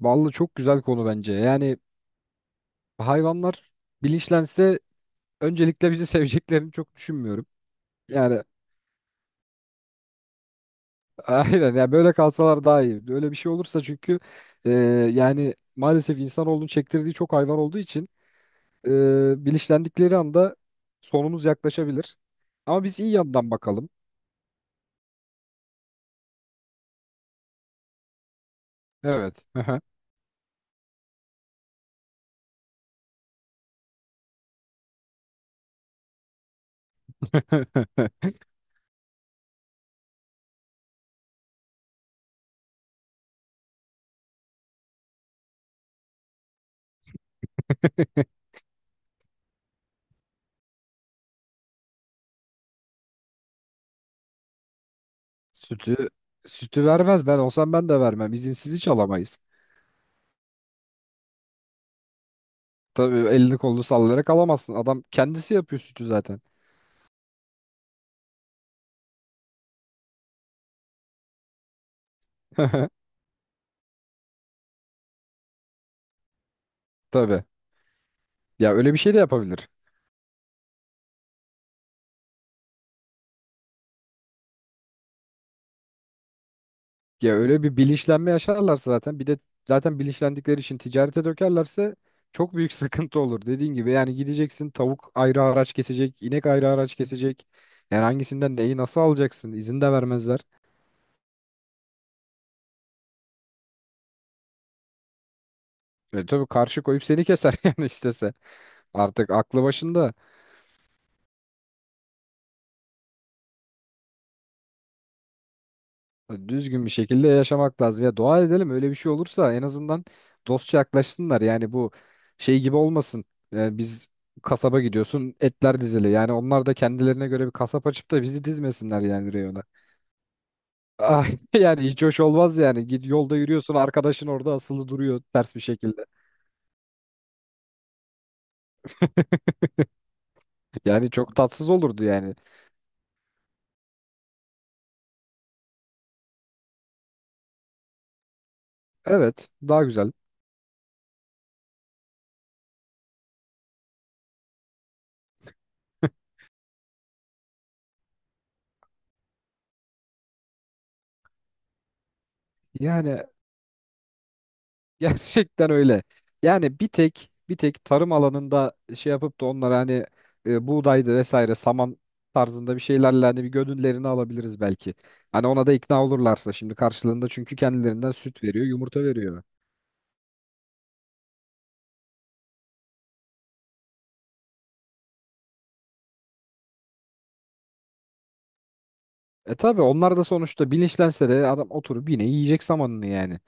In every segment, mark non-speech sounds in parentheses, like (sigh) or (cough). Vallahi çok güzel konu bence. Yani hayvanlar bilinçlense öncelikle bizi (laughs) seveceklerini çok düşünmüyorum. Yani (laughs) aynen yani böyle kalsalar daha iyi. Öyle bir şey olursa çünkü e, yani maalesef insanoğlunun çektirdiği çok hayvan olduğu için e, bilinçlendikleri anda sonumuz yaklaşabilir. Ama biz iyi yandan bakalım. Evet. (laughs) Sütü sütü vermez. Ben olsam ben de vermem. İzinsiz hiç alamayız. Tabii elini kolunu sallayarak alamazsın. Adam kendisi yapıyor sütü zaten. (laughs) Tabii. Ya öyle bir şey de yapabilir. Ya öyle bir bilinçlenme yaşarlarsa zaten bir de zaten bilinçlendikleri için ticarete dökerlerse çok büyük (laughs) sıkıntı olur. Dediğin gibi yani gideceksin tavuk ayrı araç kesecek, inek ayrı araç kesecek. Yani hangisinden neyi nasıl alacaksın? İzin de vermezler. E tabii karşı koyup seni keser (laughs) yani istese. Artık aklı başında. Düzgün bir şekilde yaşamak lazım. Ya dua edelim öyle bir şey olursa en azından dostça yaklaşsınlar. Yani bu şey gibi olmasın. Yani biz kasaba gidiyorsun etler dizili. Yani onlar da kendilerine göre bir kasap açıp da bizi dizmesinler yani reyona. Ah, (laughs) yani hiç hoş olmaz yani. Git yolda yürüyorsun arkadaşın orada asılı duruyor ters bir şekilde. Yani çok tatsız olurdu yani. Evet daha güzel. (laughs) Yani (laughs) Gerçekten öyle. Yani bir tek tarım alanında şey yapıp da onlara hani buğdaydı vesaire saman tarzında bir şeylerle hani bir gönüllerini alabiliriz belki. Hani ona da ikna olurlarsa şimdi karşılığında çünkü kendilerinden süt veriyor, yumurta veriyor. E tabi onlar da sonuçta bilinçlense de adam oturup yine yiyecek samanını yani.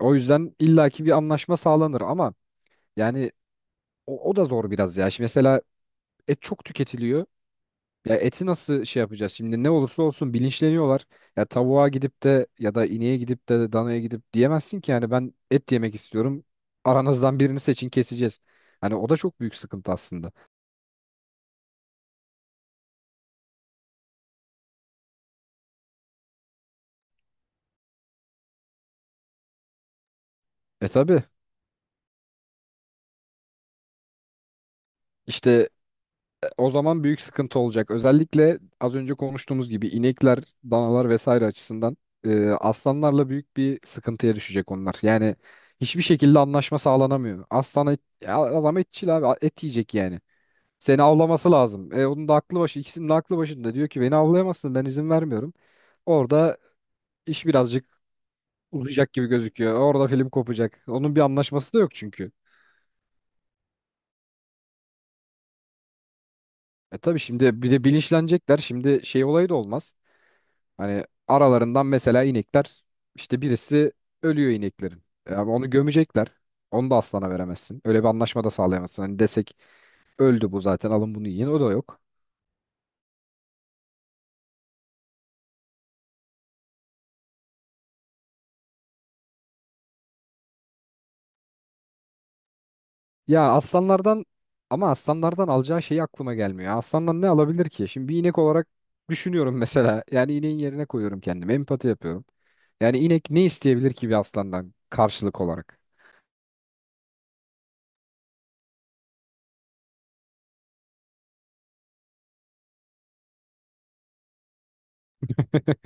O yüzden illaki bir anlaşma sağlanır ama yani o da zor biraz ya. Şimdi mesela et çok tüketiliyor. Ya eti nasıl şey yapacağız? Şimdi ne olursa olsun bilinçleniyorlar. Ya tavuğa gidip de ya da ineğe gidip de danaya gidip diyemezsin ki yani ben et yemek istiyorum. Aranızdan birini seçin keseceğiz. Hani o da çok büyük sıkıntı aslında. E tabii işte o zaman büyük sıkıntı olacak. Özellikle az önce konuştuğumuz gibi inekler, danalar vesaire açısından aslanlarla büyük bir sıkıntıya düşecek onlar. Yani hiçbir şekilde anlaşma sağlanamıyor. Aslan et, ya adam etçil abi et yiyecek yani. Seni avlaması lazım. Onun da aklı başı, ikisinin de aklı başında. Diyor ki beni avlayamazsın ben izin vermiyorum. Orada iş birazcık uzayacak gibi gözüküyor. Orada film kopacak. Onun bir anlaşması da yok çünkü. E tabii şimdi bir de bilinçlenecekler. Şimdi şey olayı da olmaz. Hani aralarından mesela inekler işte birisi ölüyor ineklerin. Ama onu gömecekler. Onu da aslana veremezsin. Öyle bir anlaşma da sağlayamazsın. Hani desek öldü bu zaten alın bunu yiyin o da yok. Ya aslanlardan ama aslanlardan alacağı şey aklıma gelmiyor. Aslandan ne alabilir ki? Şimdi bir inek olarak düşünüyorum (laughs) mesela. Yani ineğin yerine koyuyorum kendimi. Empati yapıyorum. Yani inek ne isteyebilir ki bir aslandan karşılık olarak? (laughs)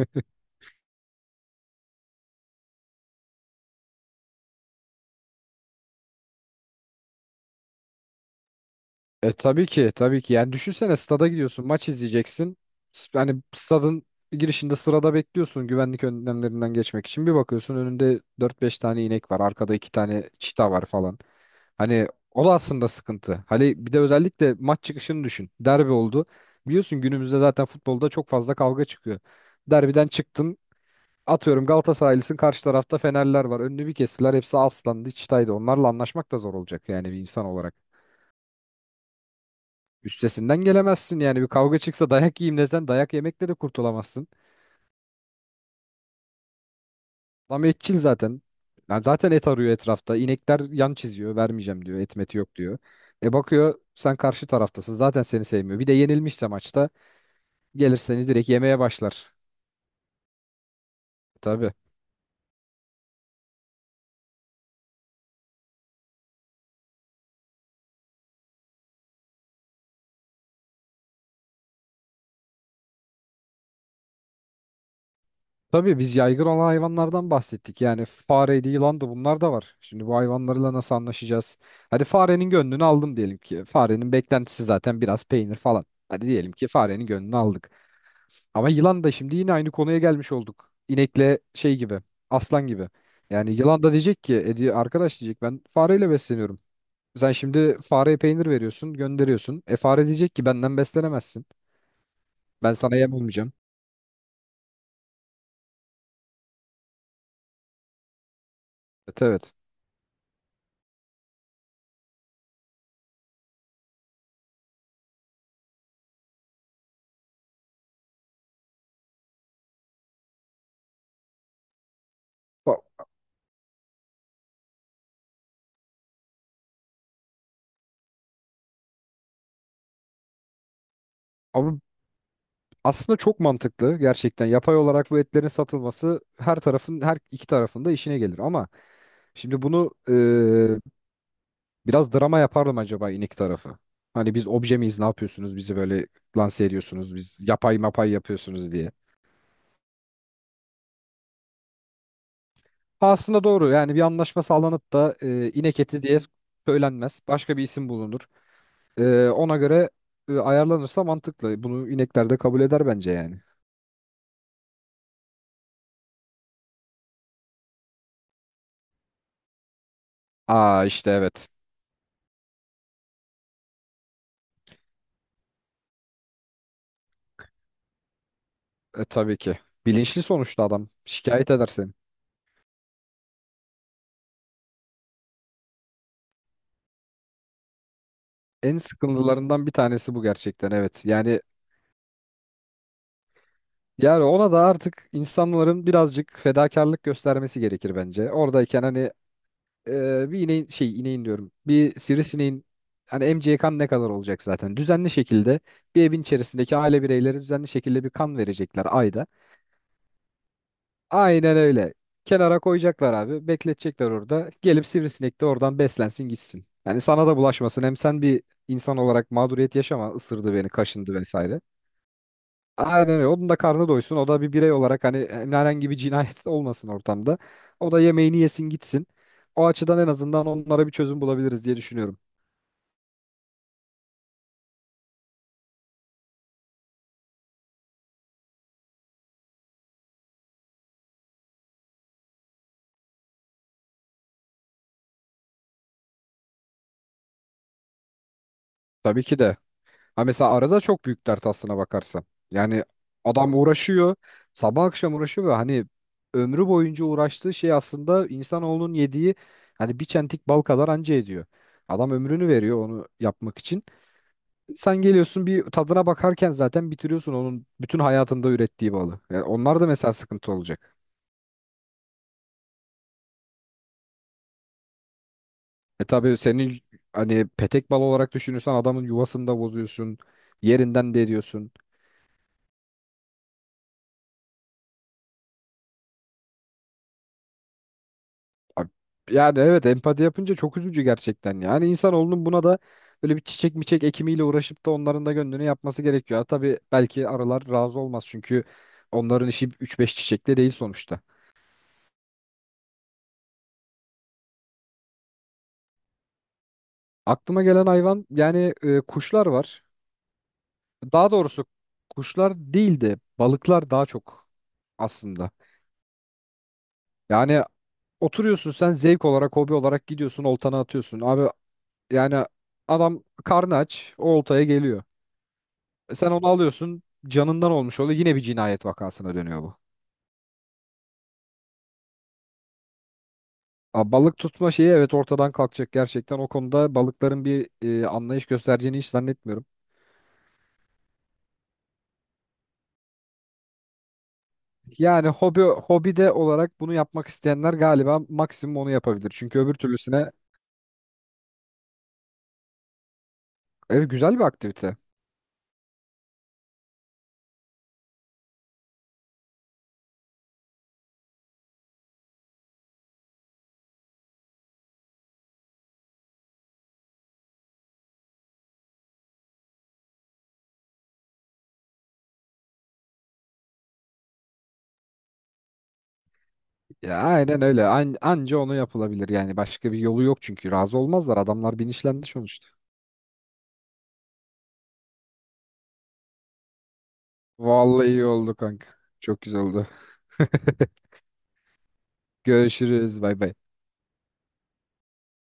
E tabii ki tabii ki yani düşünsene stada gidiyorsun maç izleyeceksin yani stadın girişinde sırada bekliyorsun güvenlik önlemlerinden geçmek için bir bakıyorsun önünde dört beş tane inek var arkada iki tane çita var falan hani o da aslında sıkıntı hani bir de özellikle maç çıkışını düşün derbi oldu biliyorsun günümüzde zaten futbolda çok fazla kavga çıkıyor derbiden çıktın atıyorum Galatasaraylısın karşı tarafta Fenerler var önünü bir kestiler hepsi aslandı çitaydı onlarla anlaşmak da zor olacak yani bir insan olarak. Üstesinden gelemezsin yani bir kavga çıksa dayak yiyeyim desen dayak yemekle de kurtulamazsın. Adam etçil zaten. Yani zaten et arıyor etrafta. İnekler yan çiziyor vermeyeceğim diyor et meti yok diyor. E bakıyor sen karşı taraftasın zaten seni sevmiyor. Bir de yenilmişse maçta gelir seni direkt yemeye başlar. Tabii. Tabii biz yaygın olan hayvanlardan bahsettik. Yani fareydi, yılan da bunlar da var. Şimdi bu hayvanlarla nasıl anlaşacağız? Hadi farenin gönlünü aldım diyelim ki. Farenin beklentisi zaten biraz peynir falan. Hadi diyelim ki farenin gönlünü aldık. Ama yılan da şimdi yine aynı konuya gelmiş olduk. İnekle şey gibi, aslan gibi. Yani yılan da diyecek ki, arkadaş diyecek ben fareyle besleniyorum. Sen şimdi fareye peynir veriyorsun, gönderiyorsun. E fare diyecek ki benden beslenemezsin. Ben sana yem olmayacağım. Evet evet. Ba- Ama aslında çok mantıklı gerçekten. Yapay olarak bu etlerin satılması her tarafın, her iki tarafın da işine gelir. Ama şimdi bunu biraz drama yapardım acaba inik tarafı. Hani biz obje miyiz ne yapıyorsunuz bizi böyle lanse ediyorsunuz biz yapay mapay yapıyorsunuz diye. Ha, aslında doğru yani bir anlaşma sağlanıp da inek eti diye söylenmez. Başka bir isim bulunur. Ona göre ayarlanırsa mantıklı. Bunu inekler de kabul eder bence yani. Aa işte evet. Tabii ki. Bilinçli sonuçta adam. Şikayet edersin. En sıkıntılarından bir tanesi bu gerçekten evet. Yani ona da artık insanların birazcık fedakarlık göstermesi gerekir bence. Oradayken hani bir ineğin şey ineğin diyorum. Bir sivrisineğin hani emeceği kan ne kadar olacak zaten. Düzenli şekilde bir evin içerisindeki aile bireyleri düzenli şekilde bir kan verecekler ayda. Aynen öyle. Kenara koyacaklar abi. Bekletecekler orada. Gelip sivrisinek de oradan beslensin gitsin. Yani sana da bulaşmasın. Hem sen bir insan olarak mağduriyet yaşama. Isırdı beni, kaşındı vesaire. Aynen öyle. Onun da karnı doysun. O da bir birey olarak hani herhangi bir cinayet (laughs) olmasın ortamda. O da yemeğini yesin gitsin. O açıdan en azından onlara bir çözüm bulabiliriz diye düşünüyorum. Tabii ki de. Ha mesela arada çok büyük dert aslına bakarsan. Yani adam uğraşıyor. Sabah akşam uğraşıyor ve hani ömrü boyunca uğraştığı şey aslında insanoğlunun yediği hani bir çentik bal kadar anca ediyor. Adam ömrünü veriyor onu yapmak için. Sen geliyorsun bir tadına bakarken zaten bitiriyorsun onun bütün hayatında ürettiği balı. Yani onlar da mesela sıkıntı olacak. E tabii senin hani petek balı olarak düşünürsen adamın yuvasını da bozuyorsun. Yerinden de ediyorsun. Abi, yani evet empati yapınca çok üzücü gerçekten. Yani insanoğlunun buna da böyle bir çiçek miçek ekimiyle uğraşıp da onların da gönlünü yapması gerekiyor. Ha, tabii belki arılar razı olmaz çünkü onların işi üç beş çiçekle değil sonuçta. Aklıma gelen hayvan yani kuşlar var. Daha doğrusu kuşlar değil de balıklar daha çok aslında. Yani oturuyorsun sen zevk olarak, hobi olarak gidiyorsun, oltana atıyorsun. Abi yani adam karnı aç, o oltaya geliyor. Sen onu alıyorsun, canından olmuş oluyor. Yine bir cinayet vakasına dönüyor bu. Abi balık tutma şeyi evet ortadan kalkacak gerçekten. O konuda balıkların bir anlayış göstereceğini hiç zannetmiyorum. Yani hobi olarak bunu yapmak isteyenler galiba maksimum onu yapabilir. Çünkü öbür türlüsüne evet güzel bir aktivite. Ya aynen öyle. Anca onu yapılabilir yani. Başka bir yolu yok çünkü. Razı olmazlar. Adamlar bilinçlendi sonuçta. Vallahi iyi oldu kanka. Çok güzel oldu. Görüşürüz. Bay bay.